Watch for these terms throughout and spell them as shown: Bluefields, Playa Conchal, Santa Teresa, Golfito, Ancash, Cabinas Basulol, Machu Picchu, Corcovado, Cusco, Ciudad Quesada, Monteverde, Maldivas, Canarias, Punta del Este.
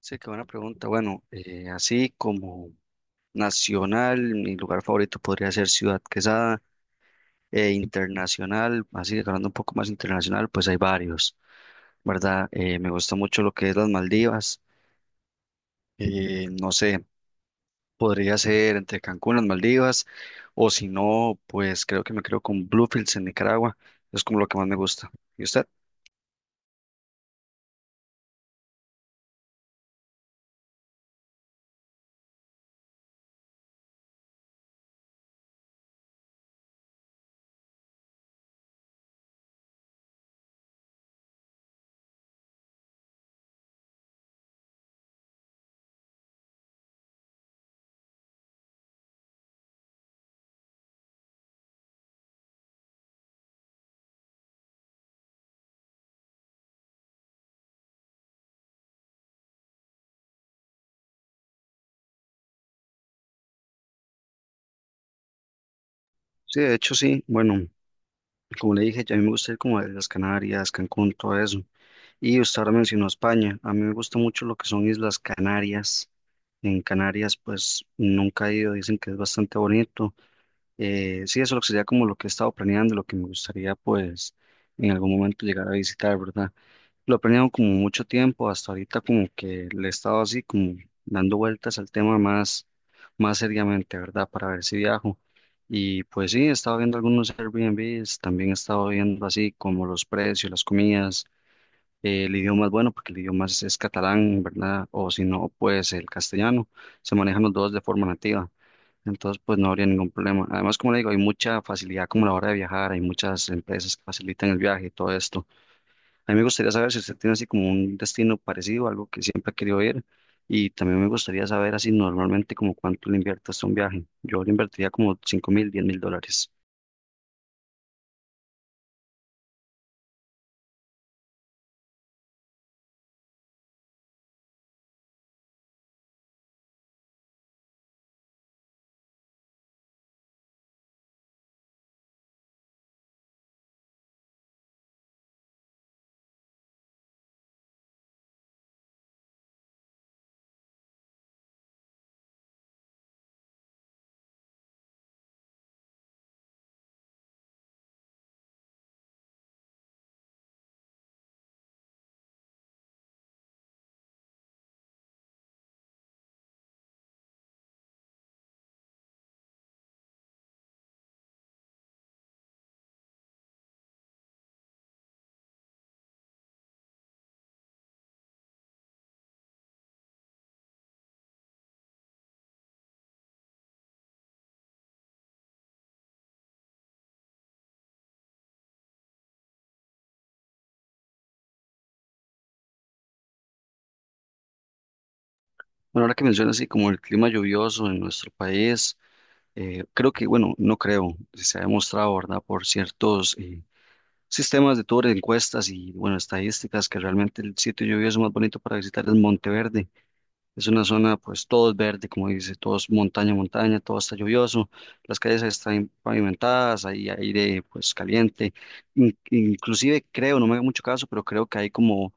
Sí, qué buena pregunta. Bueno, así como nacional, mi lugar favorito podría ser Ciudad Quesada, e internacional, así que hablando un poco más internacional, pues hay varios, ¿verdad? Me gusta mucho lo que es las Maldivas, no sé, podría ser entre Cancún, las Maldivas, o si no, pues creo que me creo con Bluefields en Nicaragua, es como lo que más me gusta. ¿Y usted? Sí, de hecho sí, bueno, como le dije, ya a mí me gusta ir como a las Canarias, Cancún, todo eso. Y usted ahora mencionó España. A mí me gusta mucho lo que son Islas Canarias. En Canarias, pues nunca he ido, dicen que es bastante bonito. Sí, eso lo que sería como lo que he estado planeando, lo que me gustaría, pues, en algún momento llegar a visitar, ¿verdad? Lo he planeado como mucho tiempo, hasta ahorita como que le he estado así como dando vueltas al tema más, más seriamente, ¿verdad? Para ver si viajo. Y pues sí, he estado viendo algunos Airbnbs, también he estado viendo así como los precios, las comidas, el idioma es bueno porque el idioma es catalán, ¿verdad? O si no, pues el castellano. Se manejan los dos de forma nativa. Entonces, pues no habría ningún problema. Además, como le digo, hay mucha facilidad como a la hora de viajar, hay muchas empresas que facilitan el viaje y todo esto. A mí me gustaría saber si usted tiene así como un destino parecido, algo que siempre ha querido ir. Y también me gustaría saber así normalmente como cuánto le invierte usted a un viaje. Yo le invertiría como 5,000, $10,000. Bueno, ahora que menciona así como el clima lluvioso en nuestro país. Creo que, bueno, no creo, se ha demostrado, ¿verdad?, por ciertos, sistemas de tour, encuestas y, bueno, estadísticas que realmente el sitio lluvioso más bonito para visitar es Monteverde. Es una zona, pues todo es verde, como dice, todo es montaña, montaña, todo está lluvioso, las calles están pavimentadas, hay aire, pues caliente. Inclusive creo, no me haga mucho caso, pero creo que hay como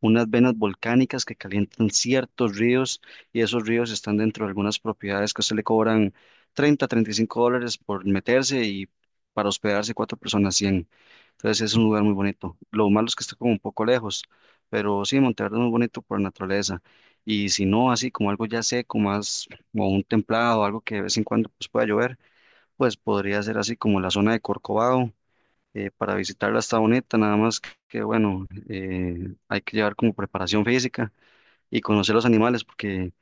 unas venas volcánicas que calientan ciertos ríos y esos ríos están dentro de algunas propiedades que se le cobran $35 por meterse y para hospedarse cuatro personas 100. Entonces es un lugar muy bonito. Lo malo es que está como un poco lejos, pero sí, Monteverde es muy bonito por naturaleza. Y si no, así como algo ya seco, más como un templado, algo que de vez en cuando pues, pueda llover, pues podría ser así como la zona de Corcovado. Para visitarla está bonita, nada más que, bueno, hay que llevar como preparación física y conocer los animales, porque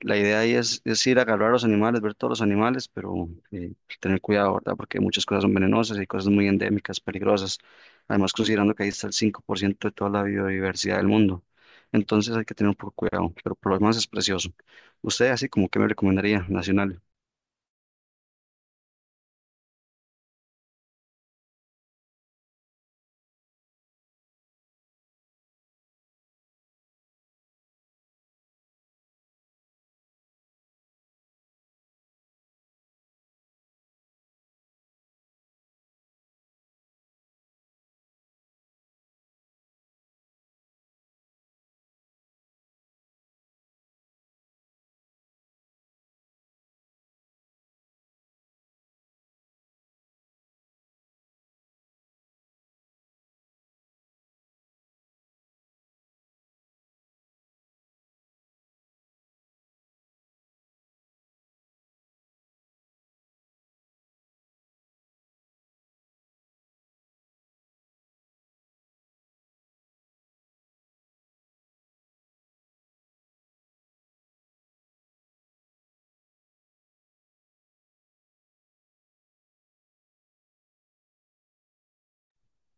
la idea ahí es ir a agarrar a los animales, ver todos los animales, pero tener cuidado, ¿verdad? Porque muchas cosas son venenosas y cosas muy endémicas, peligrosas. Además, considerando que ahí está el 5% de toda la biodiversidad del mundo. Entonces hay que tener un poco de cuidado, pero por lo demás es precioso. ¿Usted así como que me recomendaría, nacional?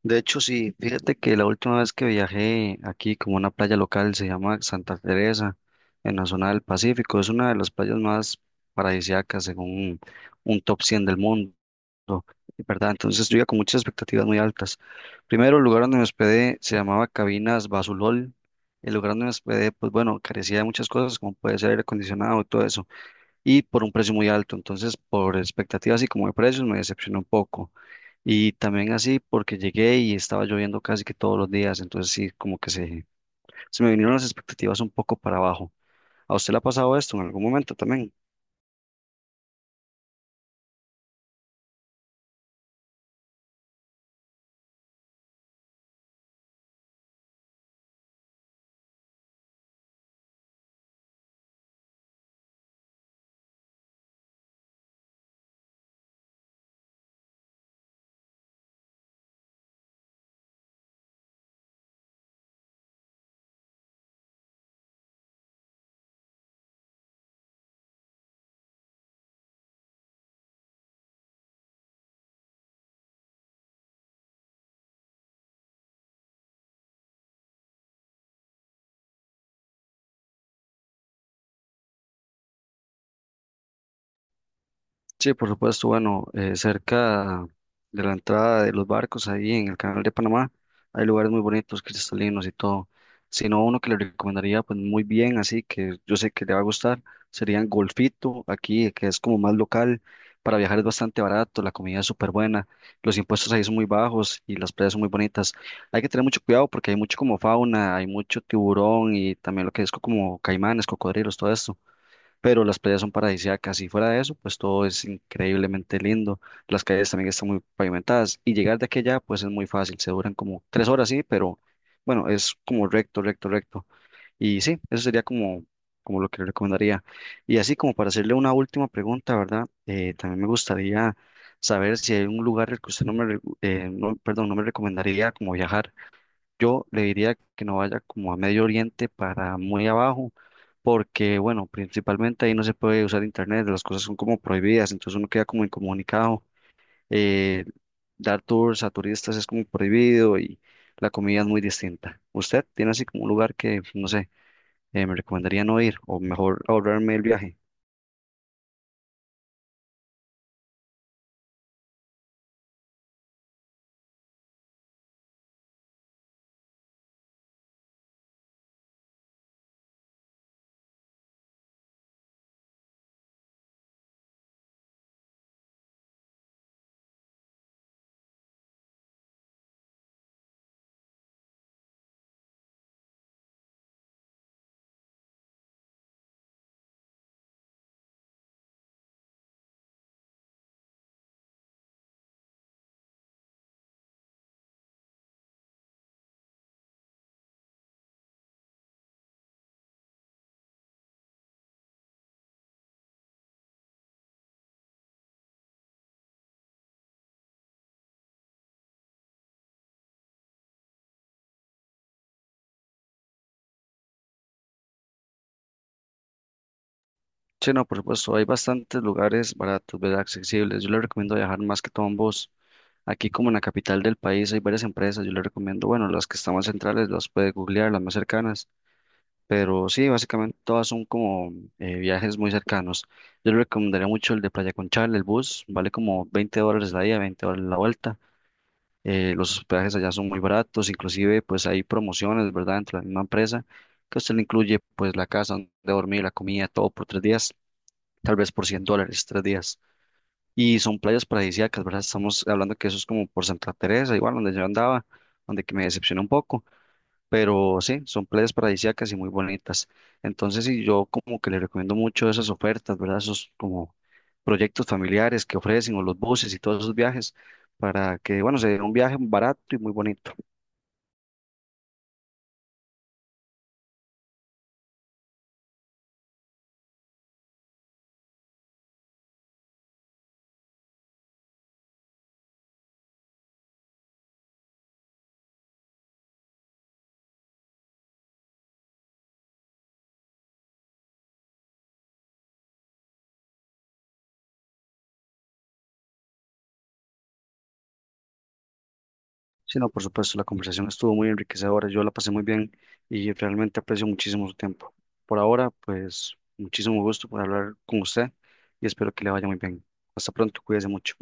De hecho, sí, fíjate que la última vez que viajé aquí como a una playa local se llama Santa Teresa, en la zona del Pacífico. Es una de las playas más paradisíacas según un top 100 del mundo. ¿No? ¿Verdad? Entonces yo iba con muchas expectativas muy altas. Primero, el lugar donde me hospedé se llamaba Cabinas Basulol. El lugar donde me hospedé, pues bueno, carecía de muchas cosas, como puede ser aire acondicionado y todo eso, y por un precio muy alto. Entonces, por expectativas y como de precios, me decepcionó un poco. Y también así porque llegué y estaba lloviendo casi que todos los días, entonces sí, como que se me vinieron las expectativas un poco para abajo. ¿A usted le ha pasado esto en algún momento también? Sí, por supuesto, bueno, cerca de la entrada de los barcos ahí en el canal de Panamá hay lugares muy bonitos, cristalinos y todo. Si no, uno que le recomendaría pues muy bien, así que yo sé que le va a gustar, serían Golfito, aquí que es como más local, para viajar es bastante barato, la comida es súper buena, los impuestos ahí son muy bajos y las playas son muy bonitas. Hay que tener mucho cuidado porque hay mucho como fauna, hay mucho tiburón y también lo que es como caimanes, cocodrilos, todo esto, pero las playas son paradisíacas y fuera de eso, pues todo es increíblemente lindo. Las calles también están muy pavimentadas y llegar de aquí a allá, pues es muy fácil, se duran como 3 horas, sí, pero bueno, es como recto, recto, recto. Y sí, eso sería como, como lo que le recomendaría. Y así como para hacerle una última pregunta, ¿verdad? También me gustaría saber si hay un lugar el que usted no, perdón, no me recomendaría como viajar. Yo le diría que no vaya como a Medio Oriente para muy abajo, porque bueno, principalmente ahí no se puede usar internet, las cosas son como prohibidas, entonces uno queda como incomunicado. eh, Dar tours a turistas es como prohibido y la comida es muy distinta. ¿Usted tiene así como un lugar que, no sé, me recomendaría no ir o mejor ahorrarme el viaje? Sí, no, por supuesto, hay bastantes lugares baratos, ¿verdad? Accesibles. Yo le recomiendo viajar más que todo en bus. Aquí como en la capital del país hay varias empresas, yo le recomiendo, bueno, las que están más centrales las puede googlear, las más cercanas, pero sí, básicamente todas son como viajes muy cercanos. Yo le recomendaría mucho el de Playa Conchal, el bus, vale como $20 la ida, $20 la vuelta. Los hospedajes allá son muy baratos, inclusive pues hay promociones, ¿verdad? Dentro de la misma empresa, que usted le incluye pues la casa donde dormir, la comida, todo por 3 días, tal vez por $100, 3 días. Y son playas paradisíacas, ¿verdad? Estamos hablando que eso es como por Santa Teresa, igual donde yo andaba, donde que me decepcionó un poco, pero sí, son playas paradisíacas y muy bonitas. Entonces, sí, yo como que le recomiendo mucho esas ofertas, ¿verdad? Esos como proyectos familiares que ofrecen o los buses y todos esos viajes para que, bueno, sea un viaje barato y muy bonito. Sí, no, por supuesto, la conversación estuvo muy enriquecedora, yo la pasé muy bien y realmente aprecio muchísimo su tiempo. Por ahora, pues muchísimo gusto por hablar con usted y espero que le vaya muy bien. Hasta pronto, cuídese mucho.